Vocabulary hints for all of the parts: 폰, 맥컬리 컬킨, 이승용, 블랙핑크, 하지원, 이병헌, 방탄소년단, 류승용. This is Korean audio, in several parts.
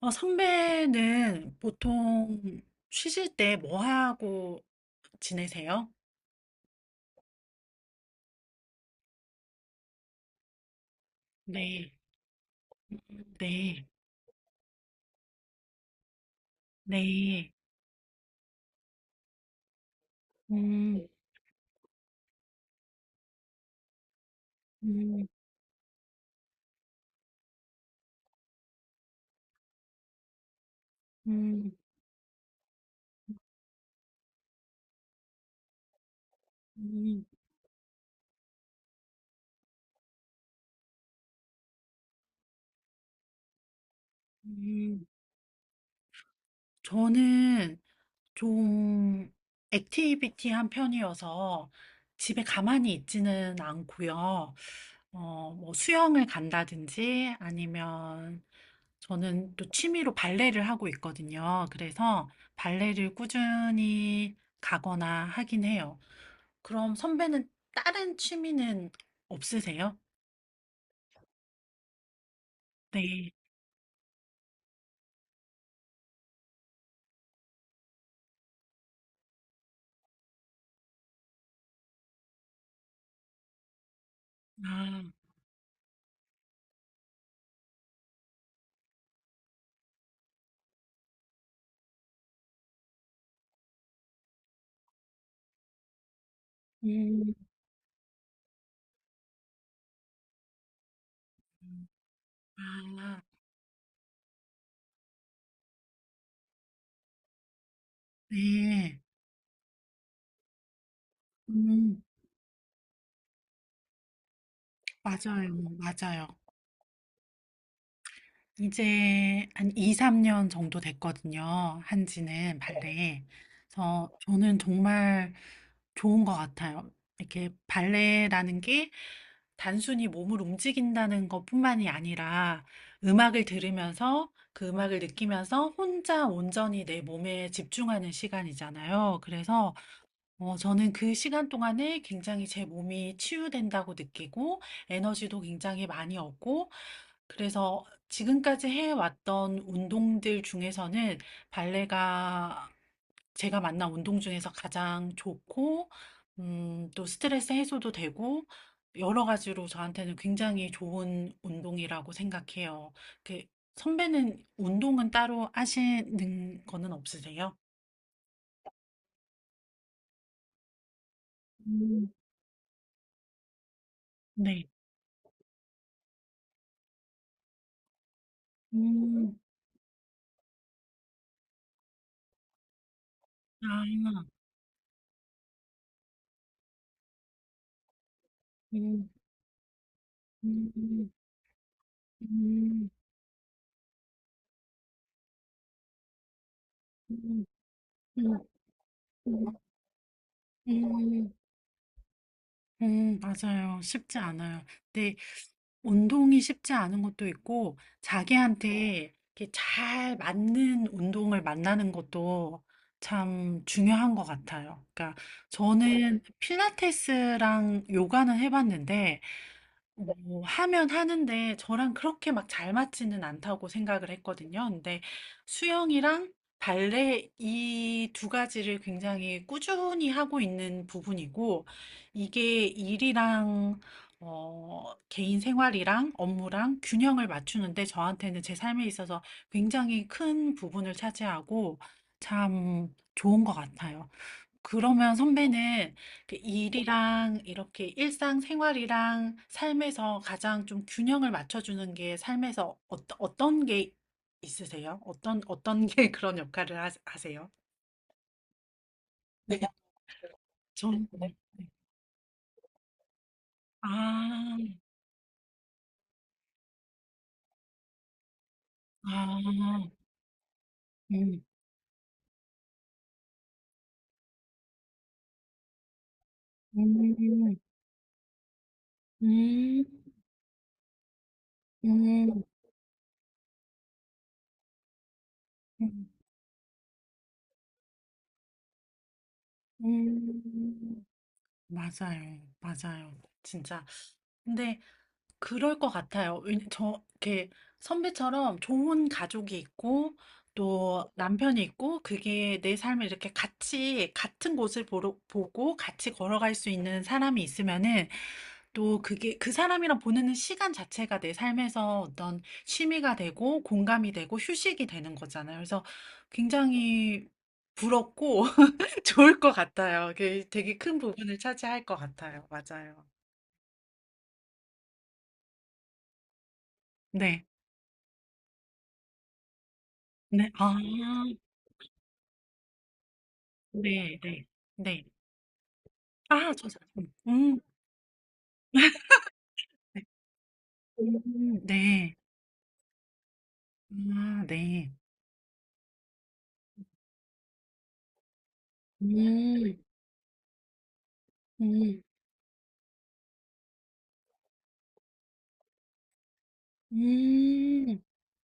선배는 보통 쉬실 때 뭐 하고 지내세요? 네, 네, 네. 음, 음, 음, 음, 음. 저는 좀 액티비티한 편이어서 집에 가만히 있지는 않고요. 뭐 수영을 간다든지 아니면 저는 또 취미로 발레를 하고 있거든요. 그래서 발레를 꾸준히 가거나 하긴 해요. 그럼 선배는 다른 취미는 없으세요? 네. 아, 음, 아, 네. 음, 맞아요. 맞아요. 이제 한 2, 3년 정도 됐거든요. 한지는 발레. 그래서 저는 정말 좋은 것 같아요. 이렇게 발레라는 게 단순히 몸을 움직인다는 것뿐만이 아니라 음악을 들으면서 그 음악을 느끼면서 혼자 온전히 내 몸에 집중하는 시간이잖아요. 그래서 저는 그 시간 동안에 굉장히 제 몸이 치유된다고 느끼고 에너지도 굉장히 많이 얻고, 그래서 지금까지 해왔던 운동들 중에서는 발레가 제가 만난 운동 중에서 가장 좋고, 또 스트레스 해소도 되고 여러 가지로 저한테는 굉장히 좋은 운동이라고 생각해요. 그 선배는 운동은 따로 하시는 거는 없으세요? 음. 네. 음. 아. 음. 음. 음. 음. 음. 음. 음. 음. 맞아요. 쉽지 않아요. 근데 운동이 쉽지 않은 것도 있고 자기한테 이렇게 잘 맞는 운동을 만나는 것도 참 중요한 것 같아요. 그러니까 저는 필라테스랑 요가는 해봤는데 뭐 하면 하는데 저랑 그렇게 막 잘 맞지는 않다고 생각을 했거든요. 근데 수영이랑 발레 이 두 가지를 굉장히 꾸준히 하고 있는 부분이고, 이게 일이랑 개인 생활이랑 업무랑 균형을 맞추는데 저한테는 제 삶에 있어서 굉장히 큰 부분을 차지하고 참 좋은 것 같아요. 그러면 선배는 그 일이랑 이렇게 일상생활이랑 삶에서 가장 좀 균형을 맞춰주는 게 삶에서 어떤 게 있으세요? 어떤 게 그런 역할을 하세요? 네. 저는 네. 아, 아, 음, 음, 음, 음, 음, 음. 맞아요, 맞아요. 진짜. 근데 그럴 것 같아요. 왜냐 저 이렇게 선배처럼 좋은 가족이 있고 또 남편이 있고, 그게 내 삶을 이렇게 같이 같은 곳을 보고 같이 걸어갈 수 있는 사람이 있으면은 또 그게 그 사람이랑 보내는 시간 자체가 내 삶에서 어떤 취미가 되고 공감이 되고 휴식이 되는 거잖아요. 그래서 굉장히 부럽고 좋을 것 같아요. 그게 되게 큰 부분을 차지할 것 같아요. 맞아요. 네. 네. 아. 네, 네, 네. 아, 저 잘, 음, 네. 네. 아, 네. 음, 음, 음.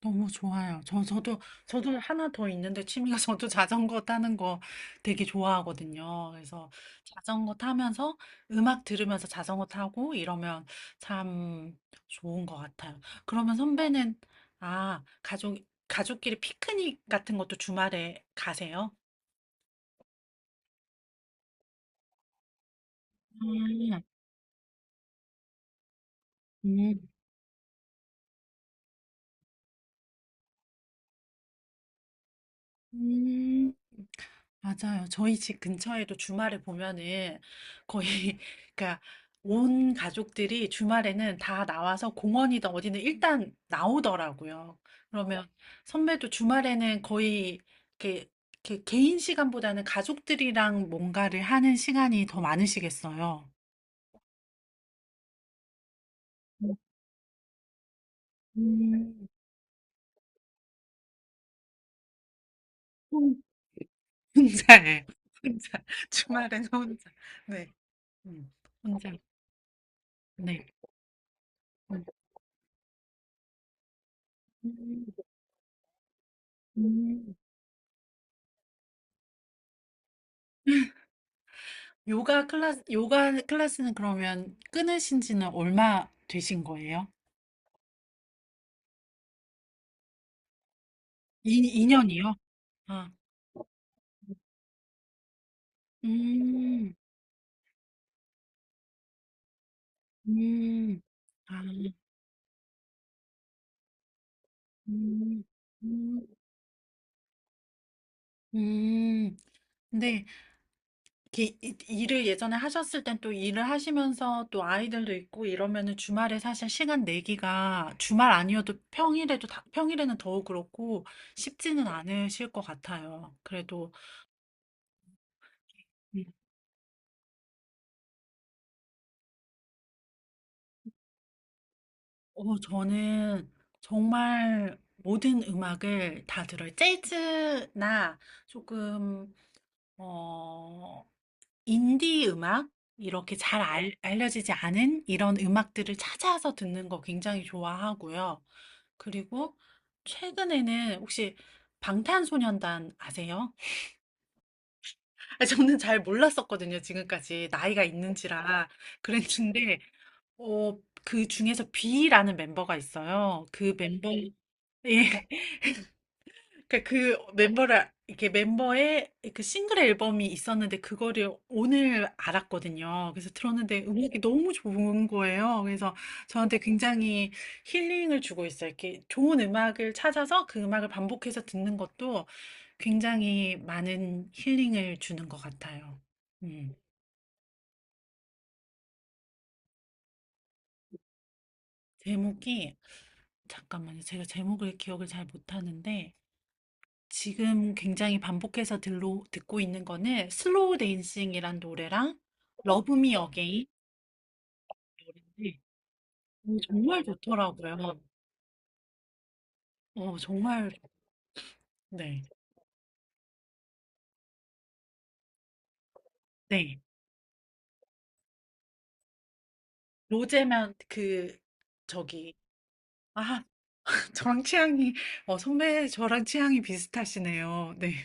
너무 좋아요. 저도 하나 더 있는데 취미가 저도 자전거 타는 거 되게 좋아하거든요. 그래서 자전거 타면서 음악 들으면서 자전거 타고 이러면 참 좋은 것 같아요. 그러면 선배는, 아, 가족끼리 피크닉 같은 것도 주말에 가세요? 음. 음, 맞아요. 저희 집 근처에도 주말에 보면은 거의, 그러니까 온 가족들이 주말에는 다 나와서 공원이든 어디든 일단 나오더라고요. 그러면 선배도 주말에는 거의 이렇게, 이렇게 개인 시간보다는 가족들이랑 뭔가를 하는 시간이 더 많으시겠어요. 음, 혼- 혼자예요. 혼자. 주말엔 혼자. 네. 음, 혼자. 네. 음. 음. 요가 클래스, 요가 클래스는 그러면 끊으신 지는 얼마 되신 거예요? 이, 2년이요? 아, 음, 음, 아, 음, 음, 음. 근데 이렇게 일을 예전에 하셨을 땐 또 일을 하시면서 또 아이들도 있고 이러면은 주말에 사실 시간 내기가, 주말 아니어도 평일에도 평일에는 더욱 그렇고 쉽지는 않으실 것 같아요. 그래도 저는 정말 모든 음악을 다 들어요. 재즈나 조금, 어, 인디 음악? 이렇게 잘 알려지지 않은 이런 음악들을 찾아서 듣는 거 굉장히 좋아하고요. 그리고 최근에는 혹시 방탄소년단 아세요? 아, 저는 잘 몰랐었거든요, 지금까지. 나이가 있는지라. 그랬는데, 어, 그 중에서 B라는 멤버가 있어요. 그 멤버, 예. 그러니까 그 멤버를 이렇게 멤버의 그 싱글 앨범이 있었는데 그거를 오늘 알았거든요. 그래서 들었는데 음악이 너무 좋은 거예요. 그래서 저한테 굉장히 힐링을 주고 있어요. 이렇게 좋은 음악을 찾아서 그 음악을 반복해서 듣는 것도 굉장히 많은 힐링을 주는 것 같아요. 음. 제목이 잠깐만요. 제가 제목을 기억을 잘 못하는데 지금 굉장히 반복해서 듣고 있는 거는 슬로우 댄싱이란 노래랑 러브 미 어게인 노래인데 정말 좋더라고요. 어, 정말 네. 네. 로제만 그 저기 아, 저랑 취향이 선배 저랑 취향이 비슷하시네요. 네.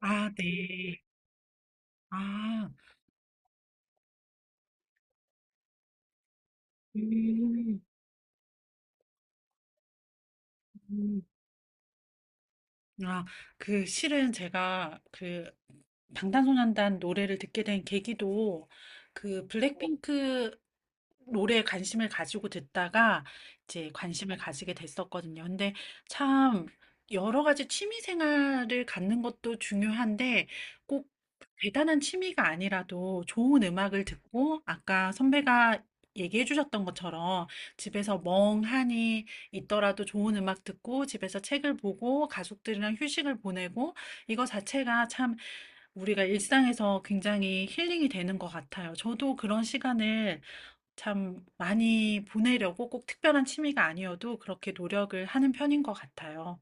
아, 네. 아. 음. 음. 아, 그 실은 제가 그 방탄소년단 노래를 듣게 된 계기도 그 블랙핑크 노래에 관심을 가지고 듣다가 이제 관심을 가지게 됐었거든요. 근데 참 여러 가지 취미 생활을 갖는 것도 중요한데 꼭 대단한 취미가 아니라도 좋은 음악을 듣고 아까 선배가 얘기해 주셨던 것처럼 집에서 멍하니 있더라도 좋은 음악 듣고 집에서 책을 보고 가족들이랑 휴식을 보내고 이거 자체가 참 우리가 일상에서 굉장히 힐링이 되는 것 같아요. 저도 그런 시간을 참 많이 보내려고 꼭 특별한 취미가 아니어도 그렇게 노력을 하는 편인 것 같아요.